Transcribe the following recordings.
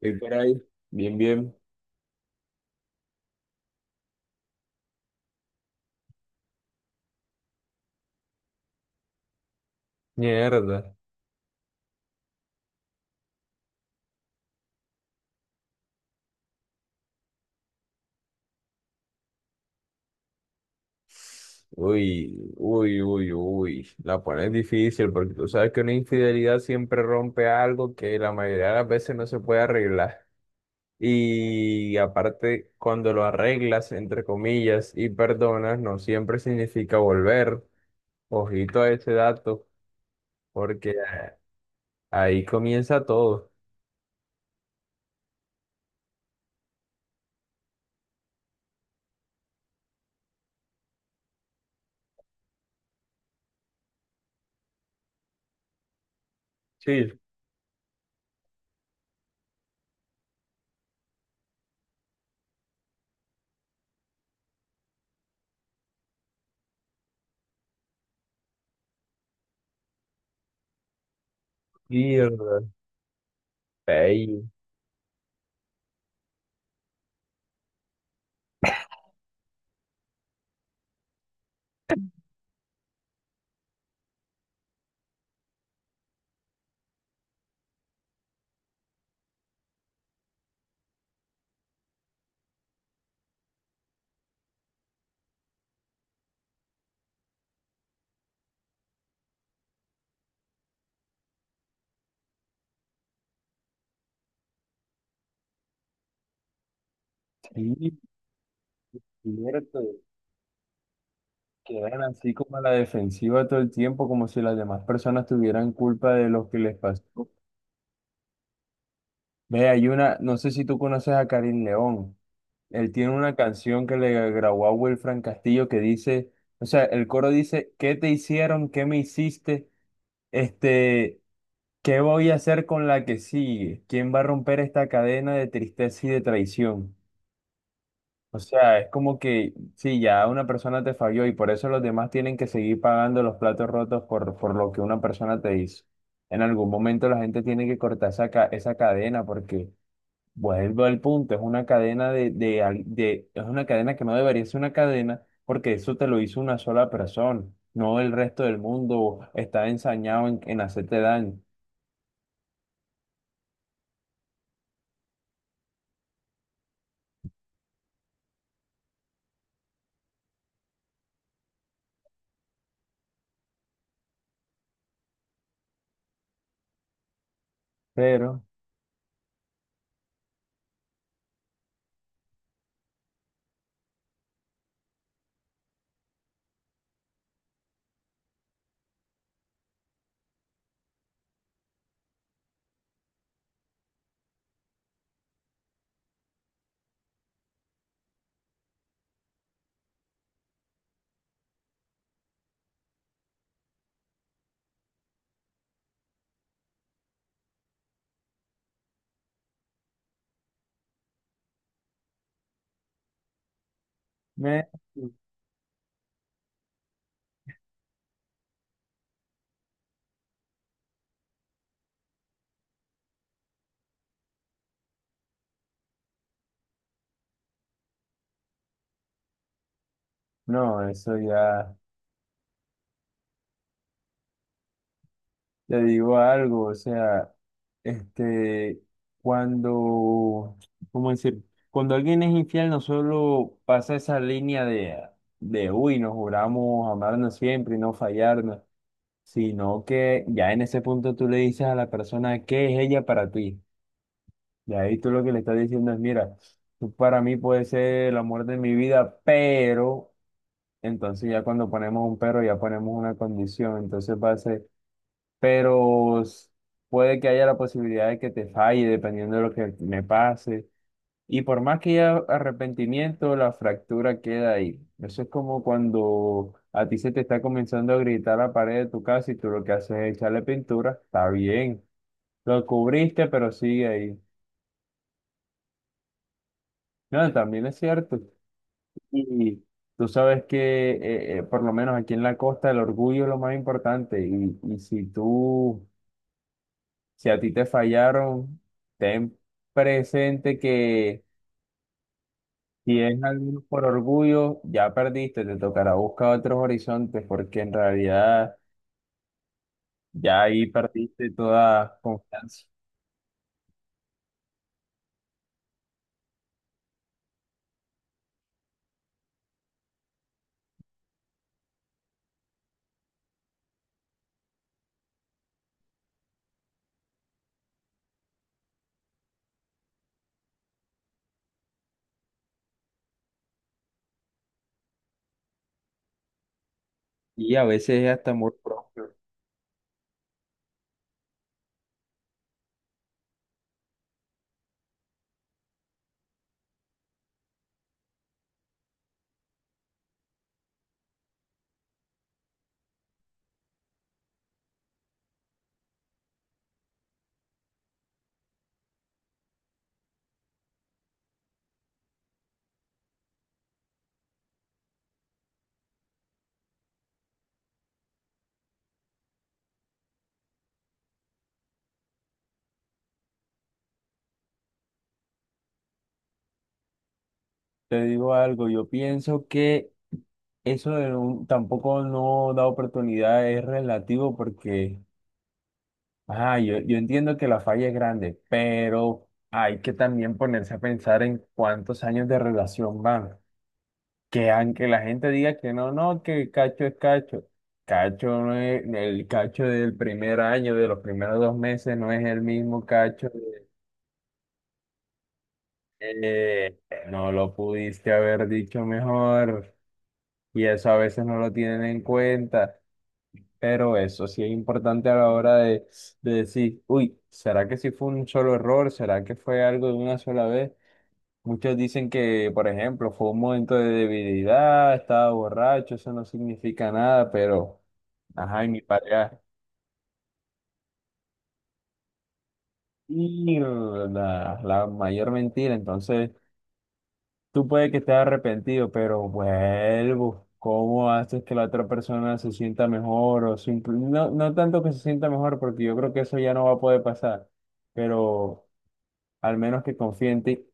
¿Qué por ahí? Bien, bien. Mierda. Uy, uy, uy, uy. La pones difícil porque tú sabes que una infidelidad siempre rompe algo que la mayoría de las veces no se puede arreglar. Y aparte, cuando lo arreglas, entre comillas, y perdonas, no siempre significa volver. Ojito a ese dato, porque ahí comienza todo. Sí, mierda. Ey, sí, cierto. Quedan así como a la defensiva todo el tiempo, como si las demás personas tuvieran culpa de lo que les pasó. Ve, hay una, no sé si tú conoces a Karim León. Él tiene una canción que le grabó a Wilfran Castillo que dice, o sea, el coro dice, ¿qué te hicieron? ¿Qué me hiciste? Este, ¿Qué voy a hacer con la que sigue? ¿Quién va a romper esta cadena de tristeza y de traición? O sea, es como que sí, ya una persona te falló y por eso los demás tienen que seguir pagando los platos rotos por lo que una persona te hizo. En algún momento la gente tiene que cortar esa, ca- esa cadena porque vuelvo al punto, es una cadena al- de- es una cadena que no debería ser una cadena porque eso te lo hizo una sola persona, no el resto del mundo está ensañado en hacerte daño. Pero, me, no, eso ya. Te digo algo, o sea, este, cuando, ¿cómo decir? Cuando alguien es infiel, no solo pasa esa línea de uy, nos juramos amarnos siempre y no fallarnos, sino que ya en ese punto tú le dices a la persona qué es ella para ti. Y ahí tú lo que le estás diciendo es, mira, tú para mí puedes ser el amor de mi vida, pero, entonces ya cuando ponemos un pero, ya ponemos una condición, entonces va a ser pero s- puede que haya la posibilidad de que te falle dependiendo de lo que me pase. Y por más que haya arrepentimiento, la fractura queda ahí. Eso es como cuando a ti se te está comenzando a gritar la pared de tu casa y tú lo que haces es echarle pintura. Está bien, lo cubriste, pero sigue ahí. No, también es cierto. Y tú sabes que, por lo menos aquí en la costa, el orgullo es lo más importante. Y si tú si a ti te fallaron, ten presente que si es algo por orgullo, ya perdiste, te tocará buscar otros horizontes porque en realidad ya ahí perdiste toda confianza. Y a veces es hasta amor propio. Te digo algo, yo pienso que eso de un- tampoco no da oportunidad es relativo porque, ah, yo entiendo que la falla es grande, pero hay que también ponerse a pensar en cuántos años de relación van. Que aunque la gente diga que no, no, que cacho es cacho, cacho no es, el cacho del primer año, de los primeros dos meses, no es el mismo cacho. eh, no lo pudiste haber dicho mejor y eso a veces no lo tienen en cuenta, pero eso sí es importante a la hora de decir, uy, ¿será que sí fue un solo error? ¿Será que fue algo de una sola vez? Muchos dicen que, por ejemplo, fue un momento de debilidad, estaba borracho, eso no significa nada, pero, ajá, y mi pareja, y la mayor mentira. Entonces, tú puedes que estés arrepentido, pero vuelvo. ¿Cómo haces que la otra persona se sienta mejor? O simple- no, no tanto que se sienta mejor, porque yo creo que eso ya no va a poder pasar, pero al menos que confíe en ti.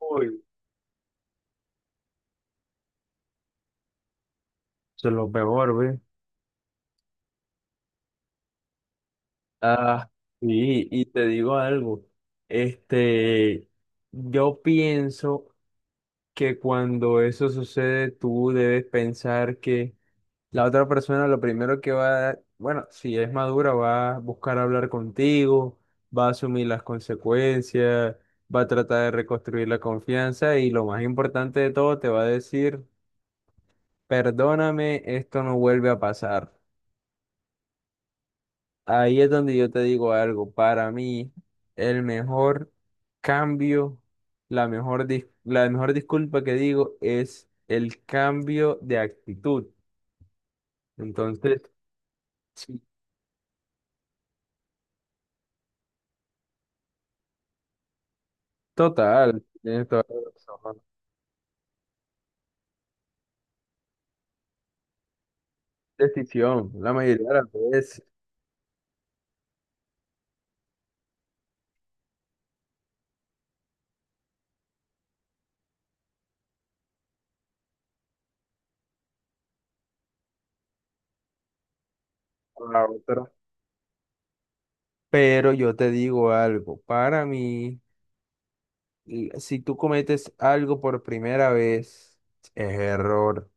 Uy, se lo peor, güey. Ah, sí, y te digo algo, este, yo pienso que cuando eso sucede, tú debes pensar que la otra persona lo primero que va a, bueno, si es madura, va a buscar hablar contigo, va a asumir las consecuencias, va a tratar de reconstruir la confianza y lo más importante de todo, te va a decir, perdóname, esto no vuelve a pasar. Ahí es donde yo te digo algo. Para mí, el mejor cambio, la mejor, dis- la mejor disculpa que digo es el cambio de actitud. Entonces, sí, total, tienes toda la razón. Decisión, la mayoría de las veces, o la otra. Pero yo te digo algo. Para mí. L- Si tú cometes algo por primera vez, es error.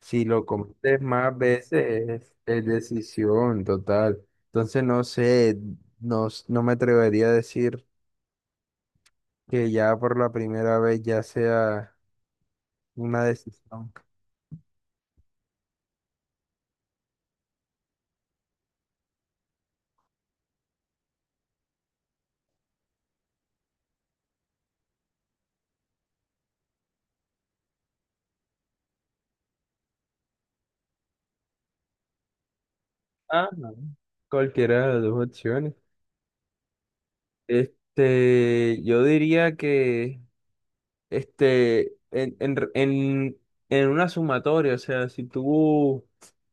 Si lo cometes más veces, es decisión total. Entonces, no sé, no, s- no me atrevería a decir que ya por la primera vez ya sea una decisión. Ah, no. Cualquiera de las dos opciones. Yo diría que este, en, en, en, en una sumatoria, o sea, si tú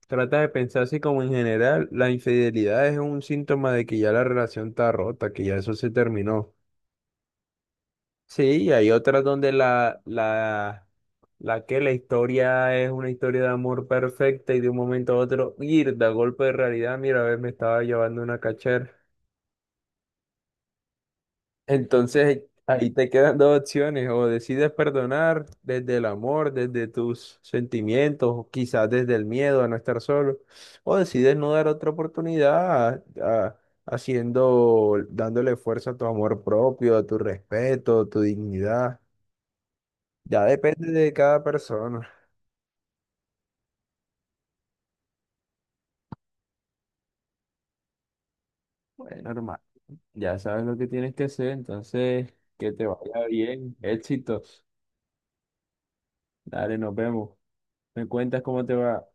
tratas de pensar así como en general, la infidelidad es un síntoma de que ya la relación está rota, que ya eso se terminó. Sí, y hay otras donde la que la historia es una historia de amor perfecta y de un momento a otro, ir da golpe de realidad, mira, a ver, me estaba llevando una cachera. Entonces ahí te quedan dos opciones, o decides perdonar desde el amor, desde tus sentimientos, o quizás desde el miedo a no estar solo, o decides no dar otra oportunidad a- haciendo, dándole fuerza a tu amor propio, a tu respeto, a tu dignidad. Ya depende de cada persona. Bueno, hermano, ya sabes lo que tienes que hacer, entonces que te vaya bien, éxitos. Dale, nos vemos. Me cuentas cómo te va.